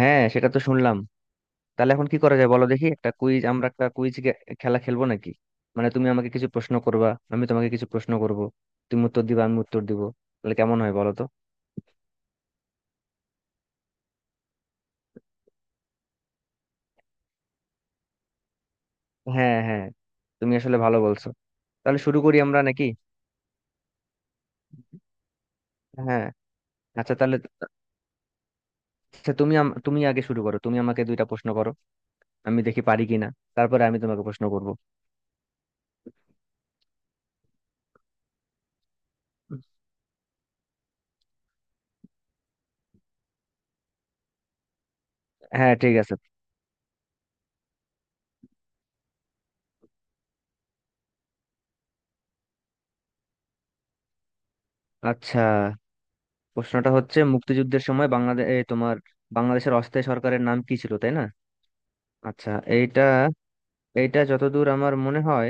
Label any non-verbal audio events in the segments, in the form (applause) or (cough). হ্যাঁ, সেটা তো শুনলাম। তাহলে এখন কি করা যায় বলো দেখি। একটা কুইজ খেলা খেলবো নাকি? মানে তুমি আমাকে কিছু প্রশ্ন করবা, আমি তোমাকে কিছু প্রশ্ন করব। তুমি উত্তর দিবা, আমি উত্তর দিব। তাহলে কেমন হয় বলো তো? হ্যাঁ, হ্যাঁ, তুমি আসলে ভালো বলছো। তাহলে শুরু করি আমরা নাকি? হ্যাঁ। আচ্ছা তাহলে, আচ্ছা তুমি তুমি আগে শুরু করো, তুমি আমাকে দুইটা প্রশ্ন করো। আমি দেখি পারি কিনা। তারপরে আমি তোমাকে প্রশ্ন করব। হ্যাঁ, ঠিক আছে। আচ্ছা, প্রশ্নটা হচ্ছে মুক্তিযুদ্ধের সময় তোমার বাংলাদেশের অস্থায়ী সরকারের নাম কি ছিল, তাই না? আচ্ছা। এইটা এইটা যতদূর আমার মনে হয়,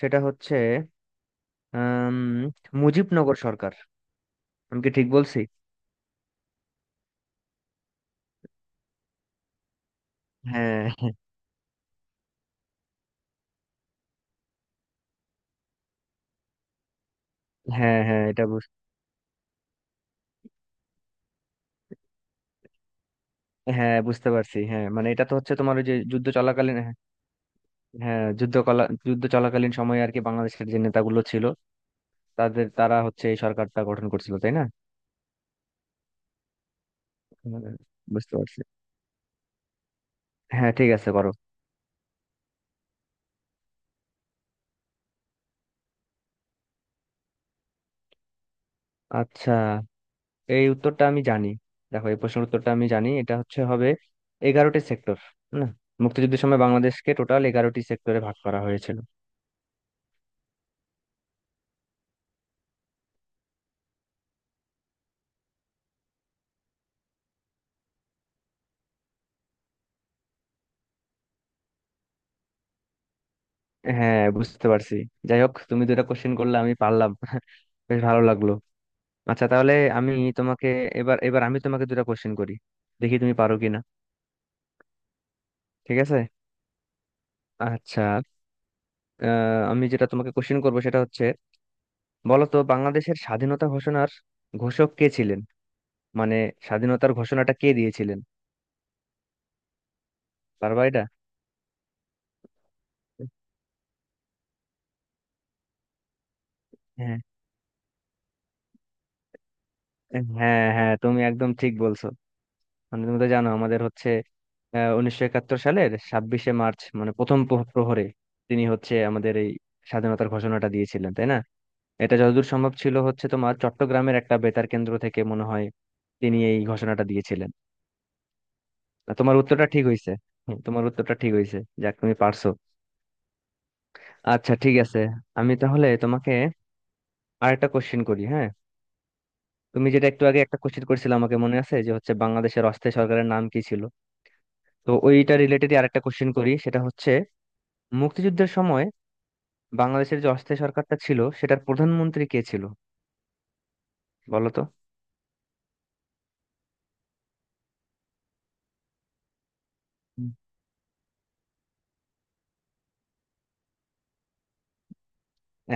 সেটা হচ্ছে আম, মুজিবনগর সরকার। আমি কি ঠিক বলছি? হ্যাঁ, হ্যাঁ, হ্যাঁ, এটা হ্যাঁ, বুঝতে পারছি। হ্যাঁ মানে এটা তো হচ্ছে তোমার ওই যে যুদ্ধ চলাকালীন। হ্যাঁ হ্যাঁ, যুদ্ধ চলাকালীন সময়ে আর কি, বাংলাদেশের যে নেতাগুলো ছিল তাদের, তারা হচ্ছে এই সরকারটা গঠন করছিল, তাই না? হ্যাঁ, বুঝতে পারছি। হ্যাঁ, ঠিক আছে, করো। আচ্ছা, এই উত্তরটা আমি জানি। দেখো, এই প্রশ্নের উত্তরটা আমি জানি। এটা হচ্ছে, হবে 11টি সেক্টর। না, মুক্তিযুদ্ধের সময় বাংলাদেশকে টোটাল 11টি সেক্টরে ভাগ করা হয়েছিল। হ্যাঁ, বুঝতে পারছি। যাই হোক, তুমি দুটা কোশ্চেন করলে, আমি পারলাম। (laughs) বেশ ভালো লাগলো। আচ্ছা তাহলে তোমাকে আমি তোমাকে দুটা কোশ্চেন করি। দেখি তুমি পারো কিনা। ঠিক আছে। আচ্ছা। আহ, আমি যেটা তোমাকে কোশ্চেন করবো সেটা হচ্ছে, বলো তো বাংলাদেশের স্বাধীনতা ঘোষণার ঘোষক কে ছিলেন? মানে স্বাধীনতার ঘোষণাটা কে দিয়েছিলেন? পারবা এটা? হ্যাঁ, হ্যাঁ, হ্যাঁ, তুমি একদম ঠিক বলছো। মানে তুমি তো জানো আমাদের হচ্ছে 1971 সালের 26শে মার্চ মানে প্রথম প্রহরে তিনি হচ্ছে আমাদের এই স্বাধীনতার ঘোষণাটা দিয়েছিলেন, তাই না? এটা যতদূর সম্ভব ছিল হচ্ছে তোমার চট্টগ্রামের একটা বেতার কেন্দ্র থেকে, মনে হয় তিনি এই ঘোষণাটা দিয়েছিলেন। আর তোমার উত্তরটা ঠিক হয়েছে। তোমার উত্তরটা ঠিক হয়েছে। যাক, তুমি পারছো। আচ্ছা, ঠিক আছে। আমি তাহলে তোমাকে আরেকটা কোশ্চেন করি, হ্যাঁ। তুমি যেটা একটু আগে একটা কোশ্চেন করেছিলে আমাকে, মনে আছে, যে হচ্ছে বাংলাদেশের অস্থায়ী সরকারের নাম কি ছিল। তো ওইটা রিলেটেডই আরেকটা কোশ্চেন করি, সেটা হচ্ছে মুক্তিযুদ্ধের সময় বাংলাদেশের যে অস্থায়ী সরকারটা ছিল সেটার প্রধানমন্ত্রী কে ছিল, বলো তো? হুম।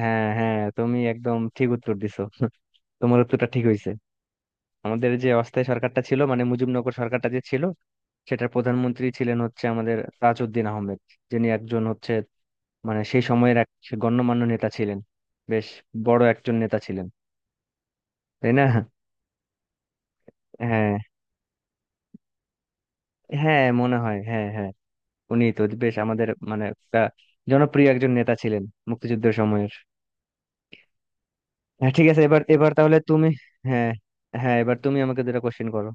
হ্যাঁ, হ্যাঁ, তুমি একদম ঠিক উত্তর দিছো। (laughs) তোমার উত্তরটা ঠিক হয়েছে। আমাদের যে অস্থায়ী সরকারটা ছিল মানে মুজিবনগর সরকারটা যে ছিল, সেটার প্রধানমন্ত্রী ছিলেন হচ্ছে আমাদের তাজউদ্দিন আহমেদ। যিনি একজন হচ্ছে মানে সেই সময়ের এক গণ্যমান্য নেতা ছিলেন। বেশ বড় একজন নেতা ছিলেন, তাই না? হ্যাঁ, হ্যাঁ, মনে হয়, হ্যাঁ, হ্যাঁ। উনি তো বেশ আমাদের মানে একটা জনপ্রিয় একজন নেতা ছিলেন মুক্তিযুদ্ধের সময়ের। হ্যাঁ, ঠিক আছে। এবার এবার তাহলে তুমি, হ্যাঁ, হ্যাঁ, এবার তুমি আমাকে দুটো কোশ্চেন করো।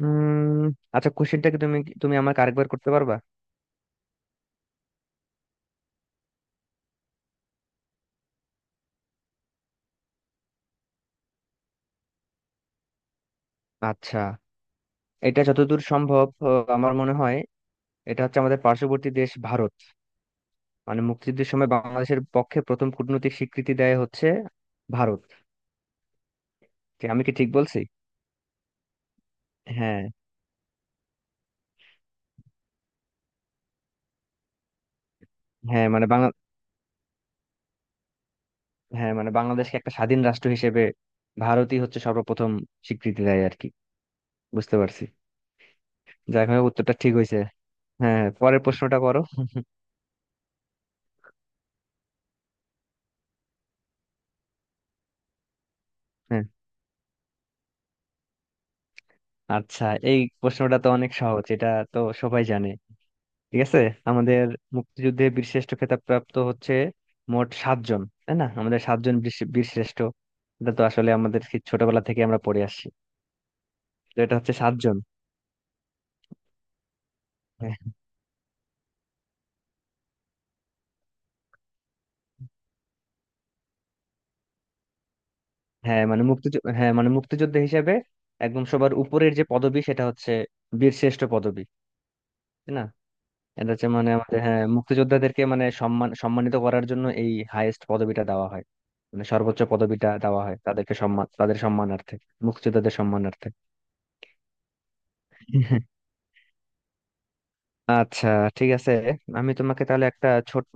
উম আচ্ছা, কোশ্চেনটা কি? তুমি তুমি আমাকে আরেকবার করতে পারবা? আচ্ছা, এটা যতদূর সম্ভব আমার মনে হয় এটা হচ্ছে আমাদের পার্শ্ববর্তী দেশ ভারত। মানে মুক্তিযুদ্ধের সময় বাংলাদেশের পক্ষে প্রথম কূটনৈতিক স্বীকৃতি দেয় হচ্ছে ভারত। আমি কি ঠিক বলছি? হ্যাঁ, হ্যাঁ, মানে বাংলা হ্যাঁ মানে বাংলাদেশকে একটা স্বাধীন রাষ্ট্র হিসেবে ভারতই হচ্ছে সর্বপ্রথম স্বীকৃতি দেয়, আর কি। বুঝতে পারছি। যাই হোক, উত্তরটা ঠিক হয়েছে। হ্যাঁ, হ্যাঁ, পরের প্রশ্নটা করো। হ্যাঁ। আচ্ছা, এই প্রশ্নটা তো অনেক সহজ। এটা তো সবাই জানে। ঠিক আছে, আমাদের মুক্তিযুদ্ধে বীরশ্রেষ্ঠ খেতাব প্রাপ্ত হচ্ছে মোট সাতজন, তাই না? আমাদের সাতজন বীরশ্রেষ্ঠ। এটা তো আসলে আমাদের সেই ছোটবেলা থেকে আমরা পড়ে আসছি। তো এটা হচ্ছে সাতজন। হ্যাঁ, হ্যাঁ, মানে মুক্তিযুদ্ধ হিসেবে একদম সবার উপরের যে পদবি সেটা হচ্ছে বীরশ্রেষ্ঠ পদবি, তাই না? এটা হচ্ছে মানে আমাদের, হ্যাঁ, মুক্তিযোদ্ধাদেরকে মানে সম্মান সম্মানিত করার জন্য এই হাইয়েস্ট পদবিটা দেওয়া হয়, মানে সর্বোচ্চ পদবিটা দেওয়া হয় তাদেরকে, সম্মান তাদের সম্মানার্থে, মুক্তিযোদ্ধাদের সম্মানার্থে। আচ্ছা, ঠিক আছে। আমি তোমাকে তাহলে একটা ছোট্ট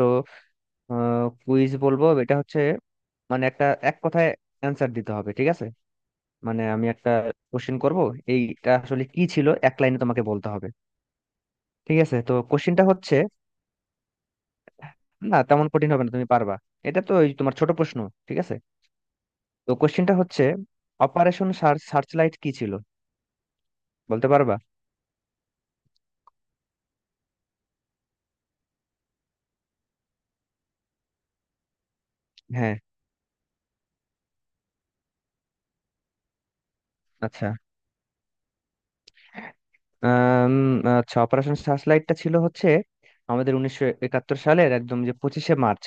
কুইজ বলবো। এটা হচ্ছে মানে একটা এক কথায় অ্যান্সার দিতে হবে, ঠিক আছে? মানে আমি একটা কোশ্চেন করব, এইটা আসলে কি ছিল এক লাইনে তোমাকে বলতে হবে। ঠিক আছে। তো কোশ্চেনটা হচ্ছে, না তেমন কঠিন হবে না, তুমি পারবা। এটা তো ওই তোমার ছোট প্রশ্ন। ঠিক আছে। তো কোশ্চেনটা হচ্ছে অপারেশন সার্চ লাইট কি ছিল? বলতে পারবা? হ্যাঁ, আচ্ছা আম, আচ্ছা অপারেশন সার্চ লাইটটা ছিল হচ্ছে আমাদের 1971 সালের একদম যে 25শে মার্চ,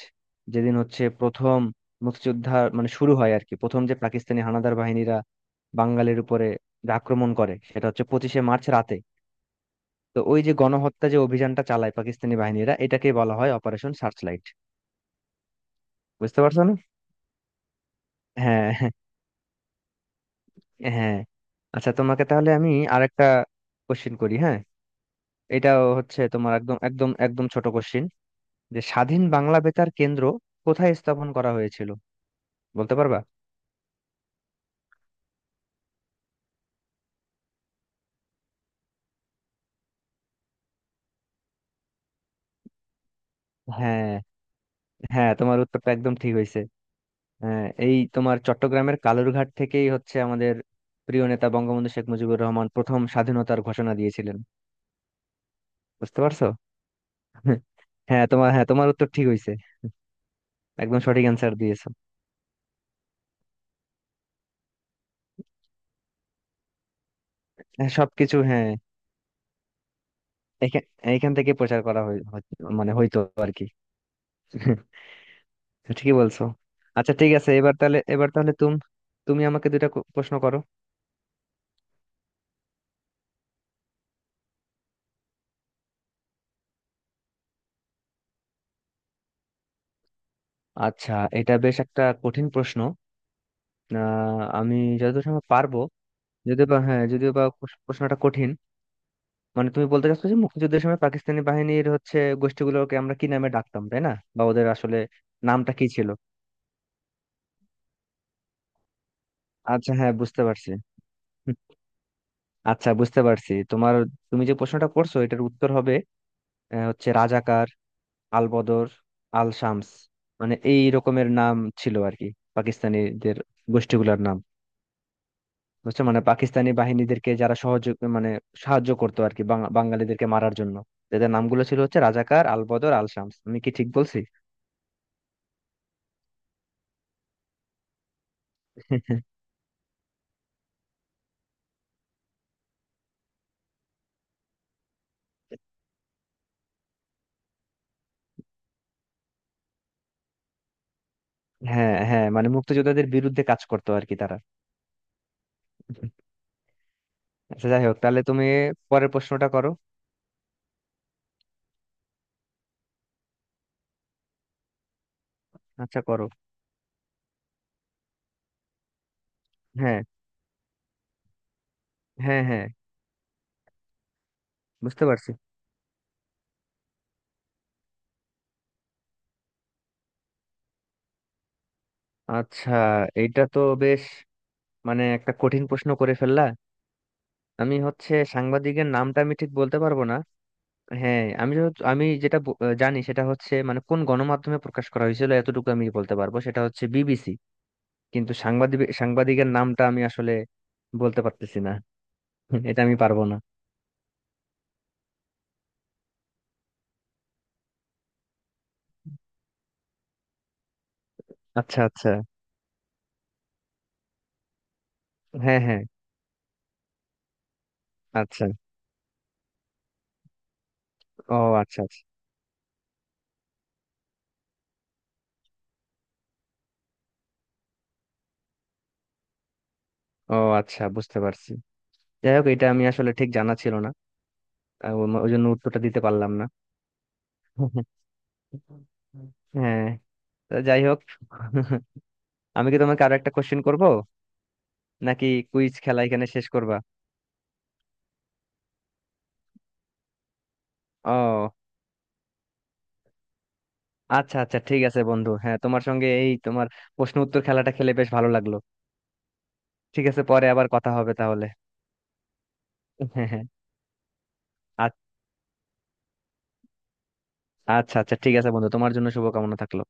যেদিন হচ্ছে প্রথম মুক্তিযুদ্ধ মানে শুরু হয় আর কি, প্রথম যে পাকিস্তানি হানাদার বাহিনীরা বাঙালির উপরে যে আক্রমণ করে সেটা হচ্ছে 25শে মার্চ রাতে। তো ওই যে গণহত্যা যে অভিযানটা চালায় পাকিস্তানি বাহিনীরা, এটাকে বলা হয় অপারেশন সার্চ লাইট। বুঝতে পারছো না? হ্যাঁ, হ্যাঁ। আচ্ছা তোমাকে তাহলে আমি আরেকটা কোশ্চিন করি, হ্যাঁ। এটা হচ্ছে তোমার একদম একদম একদম ছোট কোশ্চিন, যে স্বাধীন বাংলা বেতার কেন্দ্র কোথায় স্থাপন করা হয়েছিল? বলতে পারবা? হ্যাঁ, হ্যাঁ, তোমার উত্তরটা একদম ঠিক হয়েছে। হ্যাঁ, এই তোমার চট্টগ্রামের কালুরঘাট থেকেই হচ্ছে আমাদের প্রিয় নেতা বঙ্গবন্ধু শেখ মুজিবুর রহমান প্রথম স্বাধীনতার ঘোষণা দিয়েছিলেন। বুঝতে পারছো? (laughs) হ্যাঁ তোমার উত্তর ঠিক হয়েছে। একদম সঠিক অ্যান্সার দিয়েছো। হ্যাঁ, সবকিছু হ্যাঁ, এখান এখান থেকে প্রচার করা হয়। মানে হইতো, আর কি। (laughs) ঠিকই বলছো। আচ্ছা, ঠিক আছে। এবার তাহলে তুমি আমাকে দুইটা প্রশ্ন করো। আচ্ছা, এটা বেশ একটা কঠিন প্রশ্ন। আমি যতদূর সময় পারবো। যদিও বা প্রশ্নটা কঠিন। মানে তুমি বলতে চাচ্ছো যে মুক্তিযুদ্ধের সময় পাকিস্তানি বাহিনীর হচ্ছে গোষ্ঠীগুলোকে আমরা কি নামে ডাকতাম, তাই না? বা ওদের আসলে নামটা কি ছিল? আচ্ছা, হ্যাঁ, বুঝতে পারছি। হুম, আচ্ছা, বুঝতে পারছি তোমার। তুমি যে প্রশ্নটা করছো এটার উত্তর হবে হচ্ছে রাজাকার, আল বদর, আল শামস। মানে এই রকমের নাম ছিল আর কি, পাকিস্তানিদের গোষ্ঠীগুলোর নাম। বুঝছো, মানে পাকিস্তানি বাহিনীদেরকে যারা সহযোগ মানে সাহায্য করতো আর কি, বাঙালিদেরকে মারার জন্য। তাদের নামগুলো ছিল হচ্ছে রাজাকার, আল বদর, আল শামস। আমি কি ঠিক বলছি? (laughs) হ্যাঁ, হ্যাঁ, মানে মুক্তিযোদ্ধাদের বিরুদ্ধে কাজ করতো আর কি তারা। আচ্ছা, যাই হোক তাহলে তুমি পরের প্রশ্নটা করো। আচ্ছা, করো। হ্যাঁ, হ্যাঁ, হ্যাঁ, বুঝতে পারছি। আচ্ছা, এইটা তো বেশ মানে একটা কঠিন প্রশ্ন করে ফেললা। আমি হচ্ছে সাংবাদিকের নামটা আমি ঠিক বলতে পারবো না। হ্যাঁ, আমি যেটা জানি সেটা হচ্ছে মানে কোন গণমাধ্যমে প্রকাশ করা হয়েছিল এতটুকু আমি বলতে পারবো, সেটা হচ্ছে বিবিসি। কিন্তু সাংবাদিকের নামটা আমি আসলে বলতে পারতেছি না। (laughs) এটা আমি পারবো না। আচ্ছা, আচ্ছা, হ্যাঁ, হ্যাঁ, আচ্ছা। ও আচ্ছা, আচ্ছা। ও আচ্ছা, বুঝতে পারছি। যাই হোক, এটা আমি আসলে ঠিক জানা ছিল না। ওই ওই জন্য উত্তরটা দিতে পারলাম না। (laughs) হ্যাঁ, তো যাই হোক। (laughs) আমি কি তোমাকে আরো একটা কোশ্চেন করবো? নাকি কুইজ খেলা এখানে শেষ করবা? ও আচ্ছা, আচ্ছা, ঠিক আছে বন্ধু, হ্যাঁ, তোমার সঙ্গে এই তোমার প্রশ্ন উত্তর খেলাটা খেলে বেশ ভালো লাগলো। ঠিক আছে, পরে আবার কথা হবে তাহলে। (laughs) হ্যাঁ, হ্যাঁ, আচ্ছা, আচ্ছা, আচ্ছা, ঠিক আছে বন্ধু, তোমার জন্য শুভকামনা থাকলো।